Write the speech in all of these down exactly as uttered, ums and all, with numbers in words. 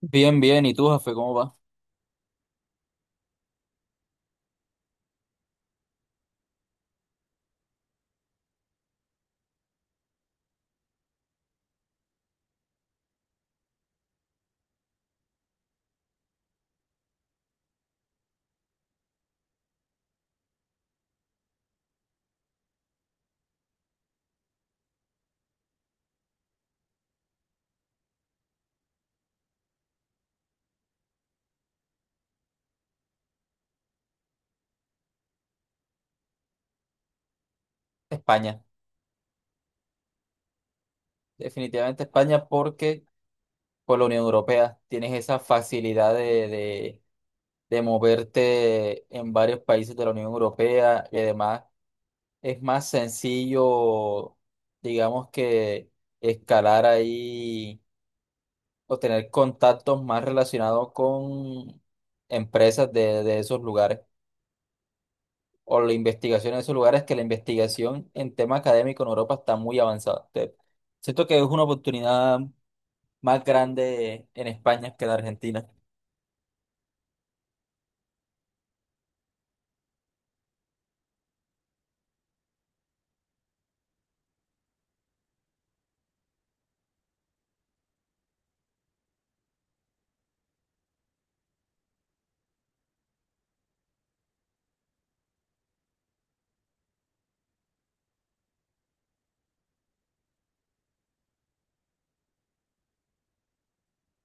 Bien, bien. ¿Y tú, jefe, cómo va? España. Definitivamente España porque con la Unión Europea tienes esa facilidad de, de, de moverte en varios países de la Unión Europea y además es más sencillo, digamos que escalar ahí o tener contactos más relacionados con empresas de, de esos lugares, o la investigación en esos lugares, que la investigación en tema académico en Europa está muy avanzada. Te- siento que es una oportunidad más grande en España que en Argentina.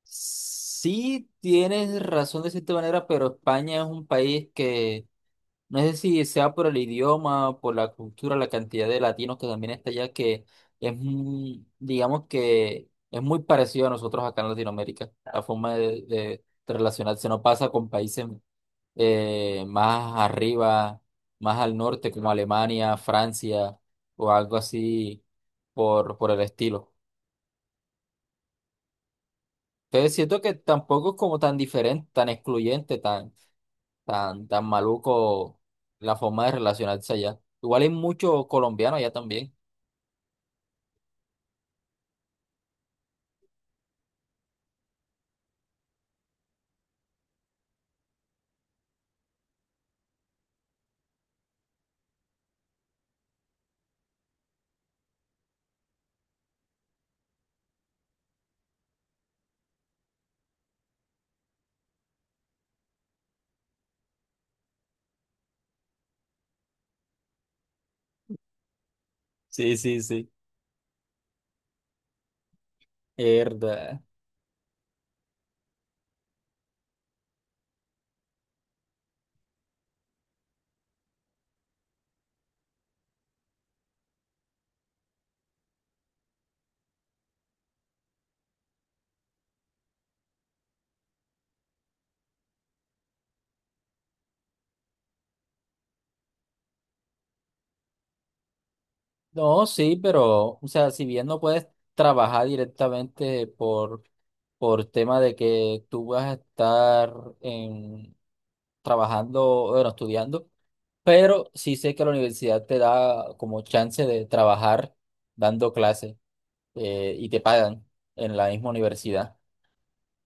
Sí, tienes razón de cierta manera, pero España es un país que no sé si sea por el idioma, por la cultura, la cantidad de latinos que también está allá, que es, muy- digamos que es muy parecido a nosotros acá en Latinoamérica, la forma de, de de relacionarse. No pasa con países eh, más arriba, más al norte, como Alemania, Francia o algo así por, por el estilo. Entonces siento que tampoco es como tan diferente, tan excluyente, tan, tan, tan maluco la forma de relacionarse allá. Igual hay muchos colombianos allá también. Sí, sí, sí. verdad. No, sí, pero, o sea, si bien no puedes trabajar directamente por, por tema de que tú vas a estar en, trabajando, bueno, estudiando, pero sí sé que la universidad te da como chance de trabajar dando clases, eh, y te pagan en la misma universidad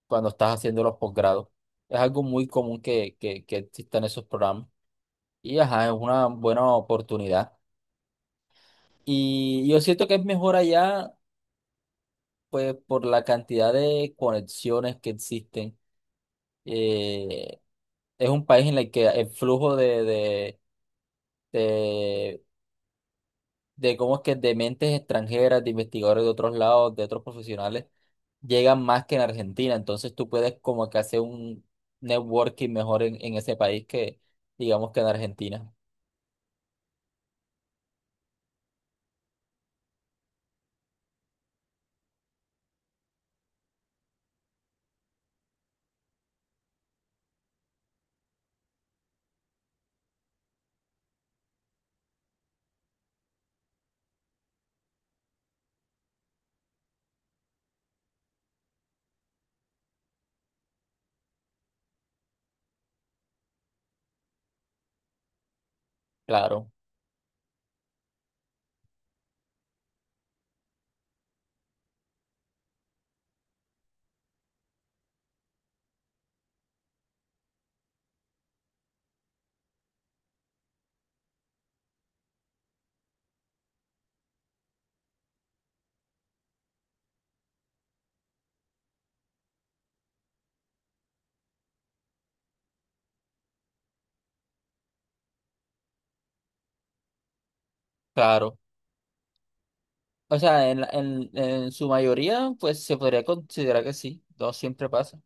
cuando estás haciendo los posgrados. Es algo muy común que, que, que existan esos programas, y ajá, es una buena oportunidad. Y yo siento que es mejor allá pues por la cantidad de conexiones que existen. eh, es un país en el que el flujo de, de, de, de cómo es que de mentes extranjeras, de investigadores de otros lados, de otros profesionales, llegan más que en Argentina. Entonces tú puedes como que hacer un networking mejor en, en ese país que digamos que en Argentina. Claro, claro. O sea, en, la- en, en su mayoría, pues se podría considerar que sí. No siempre pasa,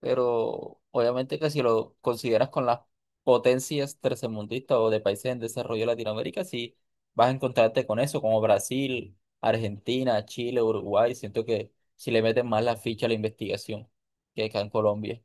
pero obviamente que si lo consideras con las potencias tercermundistas o de países en desarrollo de Latinoamérica, sí vas a encontrarte con eso, como Brasil, Argentina, Chile, Uruguay, siento que si le meten más la ficha a la investigación que acá en Colombia.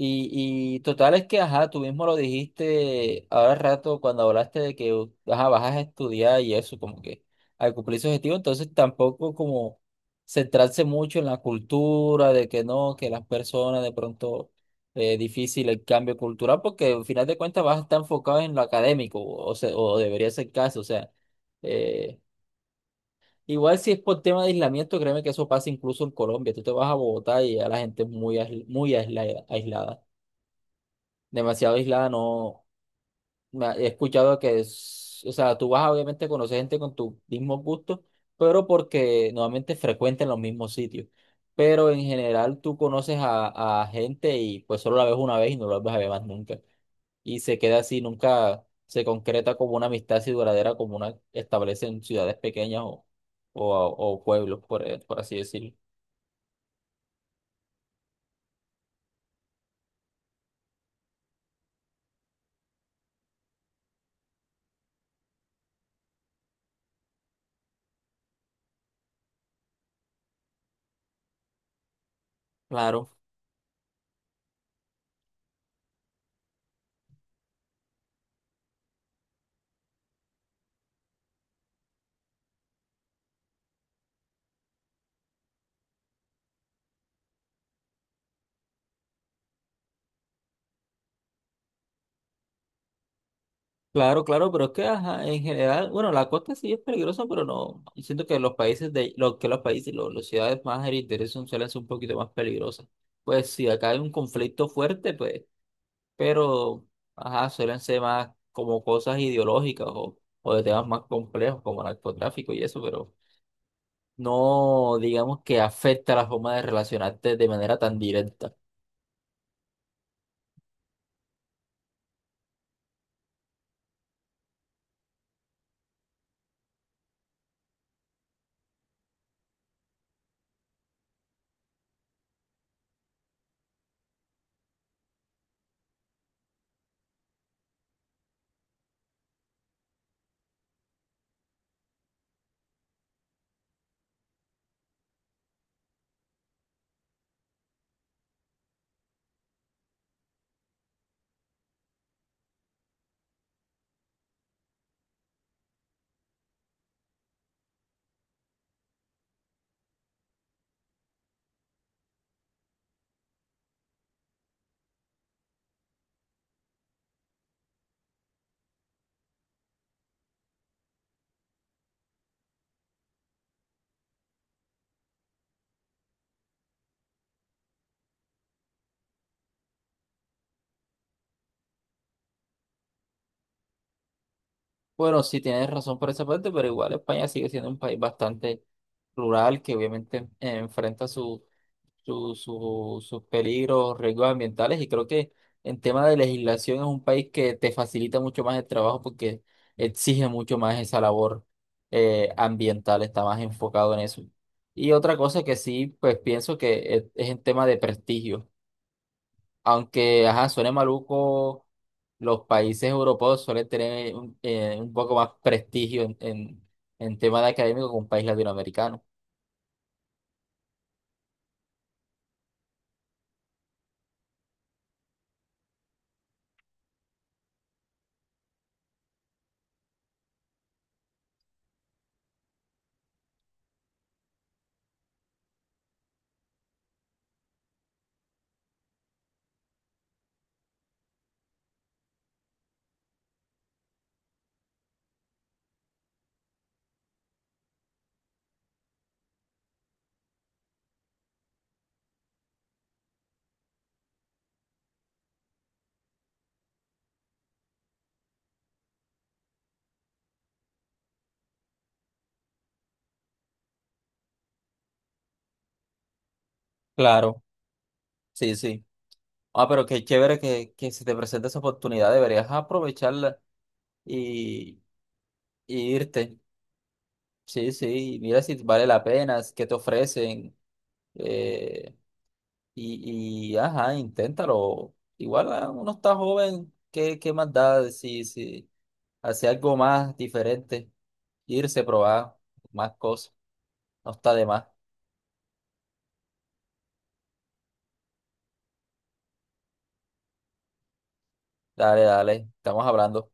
Y, y total es que, ajá, tú mismo lo dijiste ahora al rato cuando hablaste de que, ajá, vas a estudiar y eso, como que al cumplir su objetivo, entonces tampoco como centrarse mucho en la cultura, de que no, que las personas de pronto es difícil el cambio cultural, porque al final de cuentas vas a estar enfocado en lo académico, o, se- o debería ser el caso, o sea, eh, igual si es por tema de aislamiento, créeme que eso pasa incluso en Colombia. Tú te vas a Bogotá y ya la gente es muy, aisl- muy aisla- aislada, demasiado aislada, no. Me ha- he escuchado que es, o sea, tú vas a, obviamente, a conocer gente con tus mismos gustos, pero porque normalmente frecuentan los mismos sitios. Pero en general tú conoces a, a gente y pues solo la ves una vez y no la vas a ver más nunca. Y se queda así, nunca se concreta como una amistad así duradera como una establece en ciudades pequeñas o, o, o pueblos, por, eh, por así decirlo. Claro. Claro, claro, pero es que ajá, en general, bueno, la costa sí es peligrosa, pero no, yo siento que los países de, lo que los países, lo- las ciudades más heridas son suelen ser un poquito más peligrosas. Pues si acá hay un conflicto fuerte, pues, pero ajá, suelen ser más como cosas ideológicas o, o de temas más complejos como narcotráfico y eso, pero no digamos que afecta la forma de relacionarte de manera tan directa. Bueno, sí tienes razón por esa parte, pero igual España sigue siendo un país bastante rural que obviamente eh, enfrenta su, su- su- sus peligros, riesgos ambientales, y creo que en tema de legislación es un país que te facilita mucho más el trabajo porque exige mucho más esa labor, eh, ambiental, está más enfocado en eso. Y otra cosa que sí, pues pienso que es, es en tema de prestigio. Aunque, ajá, suene maluco, los países europeos suelen tener un, eh, un poco más prestigio en, en, en tema de académico que un país latinoamericano. Claro, sí, sí. Ah, pero qué chévere que, que se te presente esa oportunidad, deberías aprovecharla y, y irte. Sí, sí, mira si vale la pena, qué te ofrecen. eh, y, y, ajá, inténtalo. Igual ah, uno está joven, ¿qué, qué más da? si si hacer algo más diferente. Irse, probar más cosas. No está de más. Dale, dale, estamos hablando.